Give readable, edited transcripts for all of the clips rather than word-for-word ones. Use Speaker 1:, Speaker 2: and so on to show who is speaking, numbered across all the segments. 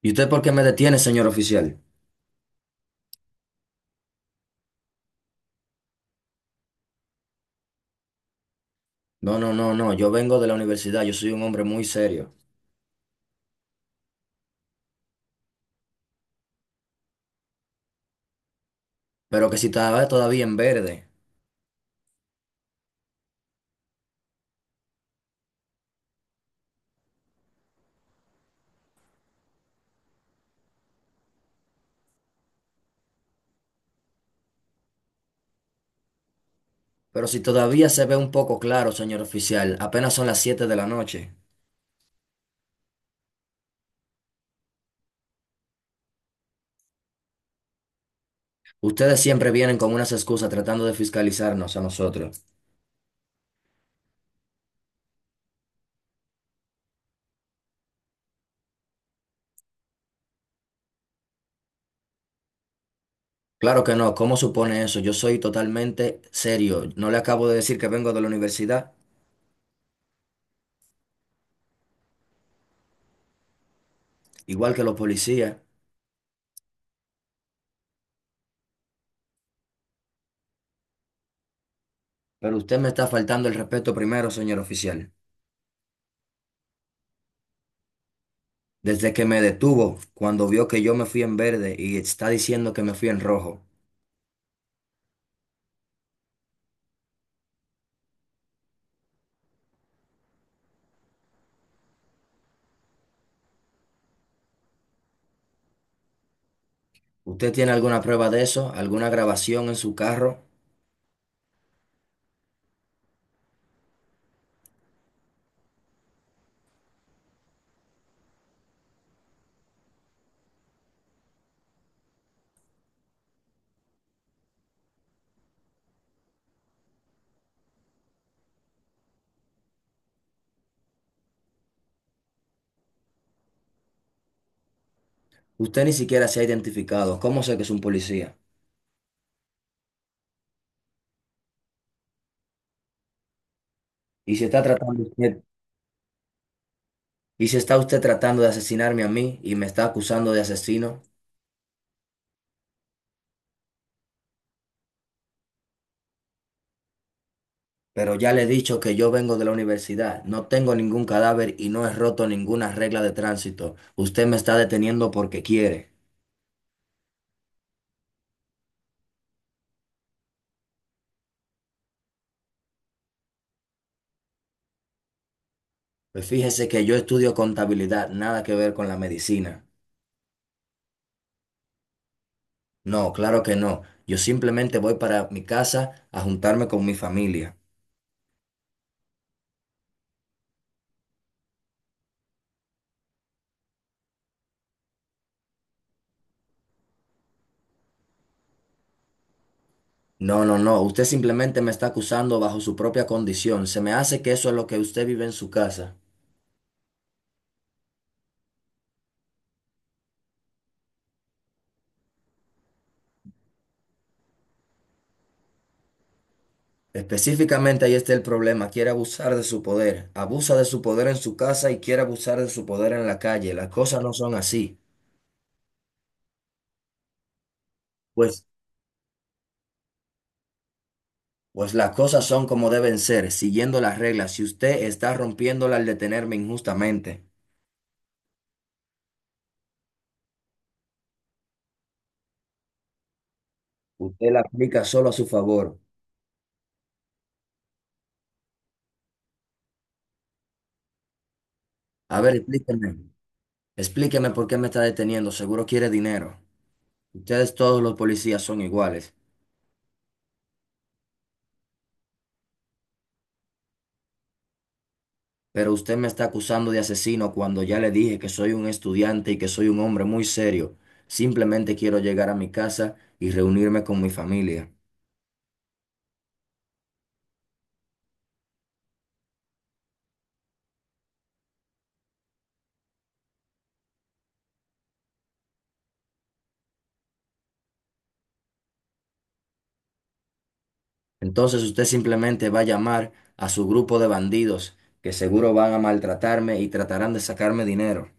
Speaker 1: ¿Y usted por qué me detiene, señor oficial? No, no, no, no, yo vengo de la universidad, yo soy un hombre muy serio. Pero que si estaba todavía en verde, pero si todavía se ve un poco claro, señor oficial, apenas son las 7 de la noche. Ustedes siempre vienen con unas excusas tratando de fiscalizarnos a nosotros. Claro que no, ¿cómo supone eso? Yo soy totalmente serio. No le acabo de decir que vengo de la universidad, igual que los policías, pero usted me está faltando el respeto primero, señor oficial. Desde que me detuvo, cuando vio que yo me fui en verde y está diciendo que me fui en rojo. ¿Usted tiene alguna prueba de eso? ¿Alguna grabación en su carro? Usted ni siquiera se ha identificado. ¿Cómo sé que es un policía? Y si está tratando usted, y si está usted tratando de asesinarme a mí y me está acusando de asesino, pero ya le he dicho que yo vengo de la universidad, no tengo ningún cadáver y no he roto ninguna regla de tránsito. Usted me está deteniendo porque quiere. Pues fíjese que yo estudio contabilidad, nada que ver con la medicina. No, claro que no. Yo simplemente voy para mi casa a juntarme con mi familia. No, no, no. Usted simplemente me está acusando bajo su propia condición. Se me hace que eso es lo que usted vive en su casa. Específicamente ahí está el problema. Quiere abusar de su poder. Abusa de su poder en su casa y quiere abusar de su poder en la calle. Las cosas no son así. Pues, pues las cosas son como deben ser, siguiendo las reglas. Si usted está rompiéndolas al detenerme injustamente, usted la aplica solo a su favor. A ver, explíqueme. Explíqueme por qué me está deteniendo. Seguro quiere dinero. Ustedes todos los policías son iguales, pero usted me está acusando de asesino cuando ya le dije que soy un estudiante y que soy un hombre muy serio. Simplemente quiero llegar a mi casa y reunirme con mi familia. Entonces usted simplemente va a llamar a su grupo de bandidos que seguro van a maltratarme y tratarán de sacarme dinero.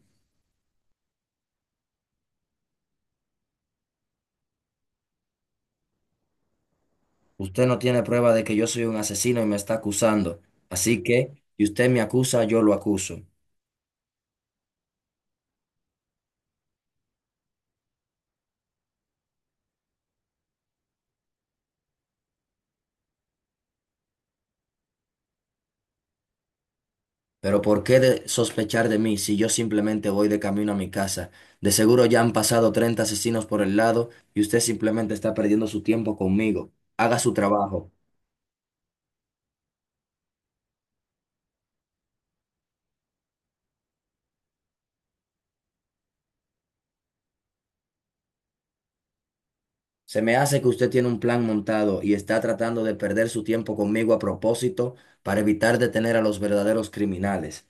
Speaker 1: Usted no tiene prueba de que yo soy un asesino y me está acusando. Así que, si usted me acusa, yo lo acuso. Pero ¿por qué de sospechar de mí si yo simplemente voy de camino a mi casa? De seguro ya han pasado 30 asesinos por el lado y usted simplemente está perdiendo su tiempo conmigo. Haga su trabajo. Se me hace que usted tiene un plan montado y está tratando de perder su tiempo conmigo a propósito para evitar detener a los verdaderos criminales.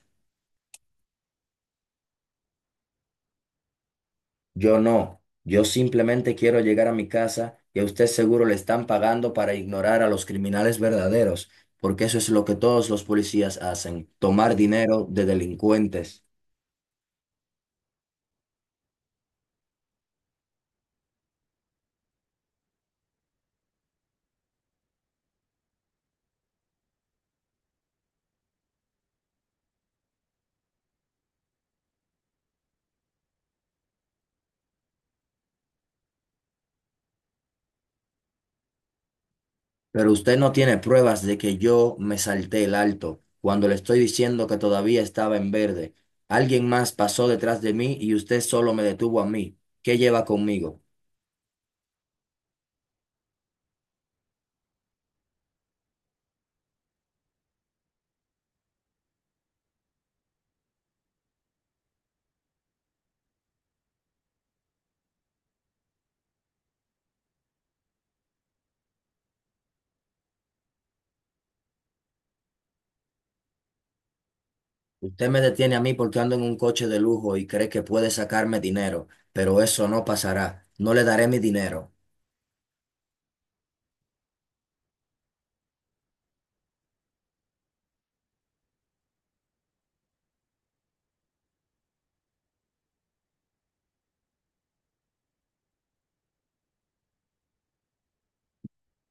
Speaker 1: Yo no, yo simplemente quiero llegar a mi casa y a usted seguro le están pagando para ignorar a los criminales verdaderos, porque eso es lo que todos los policías hacen, tomar dinero de delincuentes. Pero usted no tiene pruebas de que yo me salté el alto cuando le estoy diciendo que todavía estaba en verde. Alguien más pasó detrás de mí y usted solo me detuvo a mí. ¿Qué lleva conmigo? Usted me detiene a mí porque ando en un coche de lujo y cree que puede sacarme dinero, pero eso no pasará. No le daré mi dinero.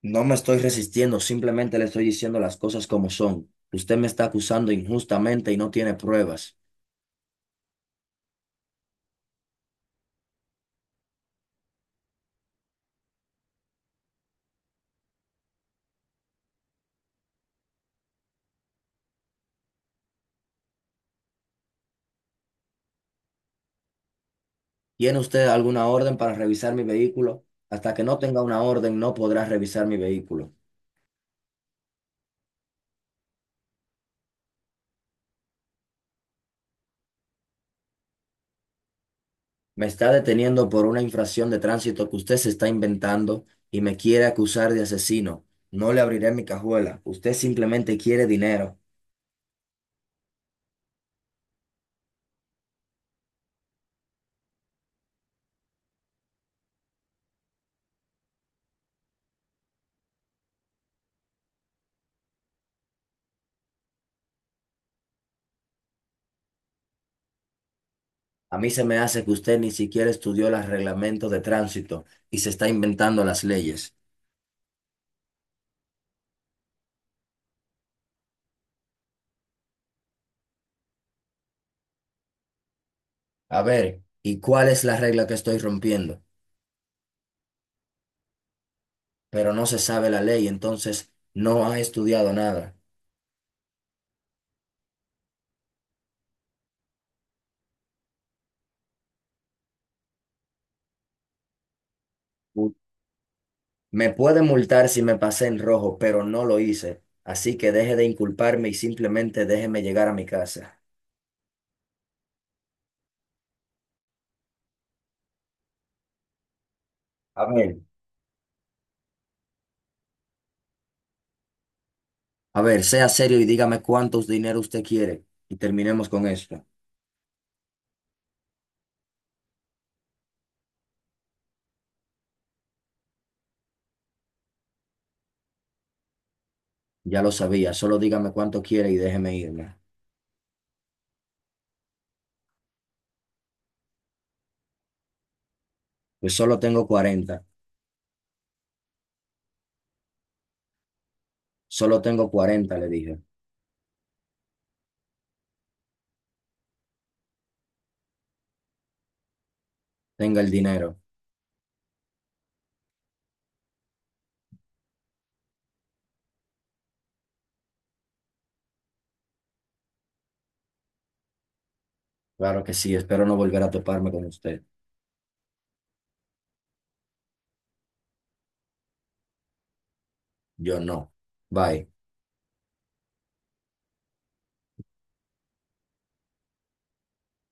Speaker 1: No me estoy resistiendo, simplemente le estoy diciendo las cosas como son. Usted me está acusando injustamente y no tiene pruebas. ¿Tiene usted alguna orden para revisar mi vehículo? Hasta que no tenga una orden, no podrá revisar mi vehículo. Me está deteniendo por una infracción de tránsito que usted se está inventando y me quiere acusar de asesino. No le abriré mi cajuela. Usted simplemente quiere dinero. A mí se me hace que usted ni siquiera estudió los reglamentos de tránsito y se está inventando las leyes. A ver, ¿y cuál es la regla que estoy rompiendo? Pero no se sabe la ley, entonces no ha estudiado nada. U- Me puede multar si me pasé en rojo, pero no lo hice. Así que deje de inculparme y simplemente déjeme llegar a mi casa. A ver, a ver, sea serio y dígame cuántos dinero usted quiere. Y terminemos con esto. Ya lo sabía, solo dígame cuánto quiere y déjeme irme. Pues solo tengo 40. Solo tengo 40, le dije. Tenga el dinero. Claro que sí, espero no volver a toparme con usted. Yo no. Bye.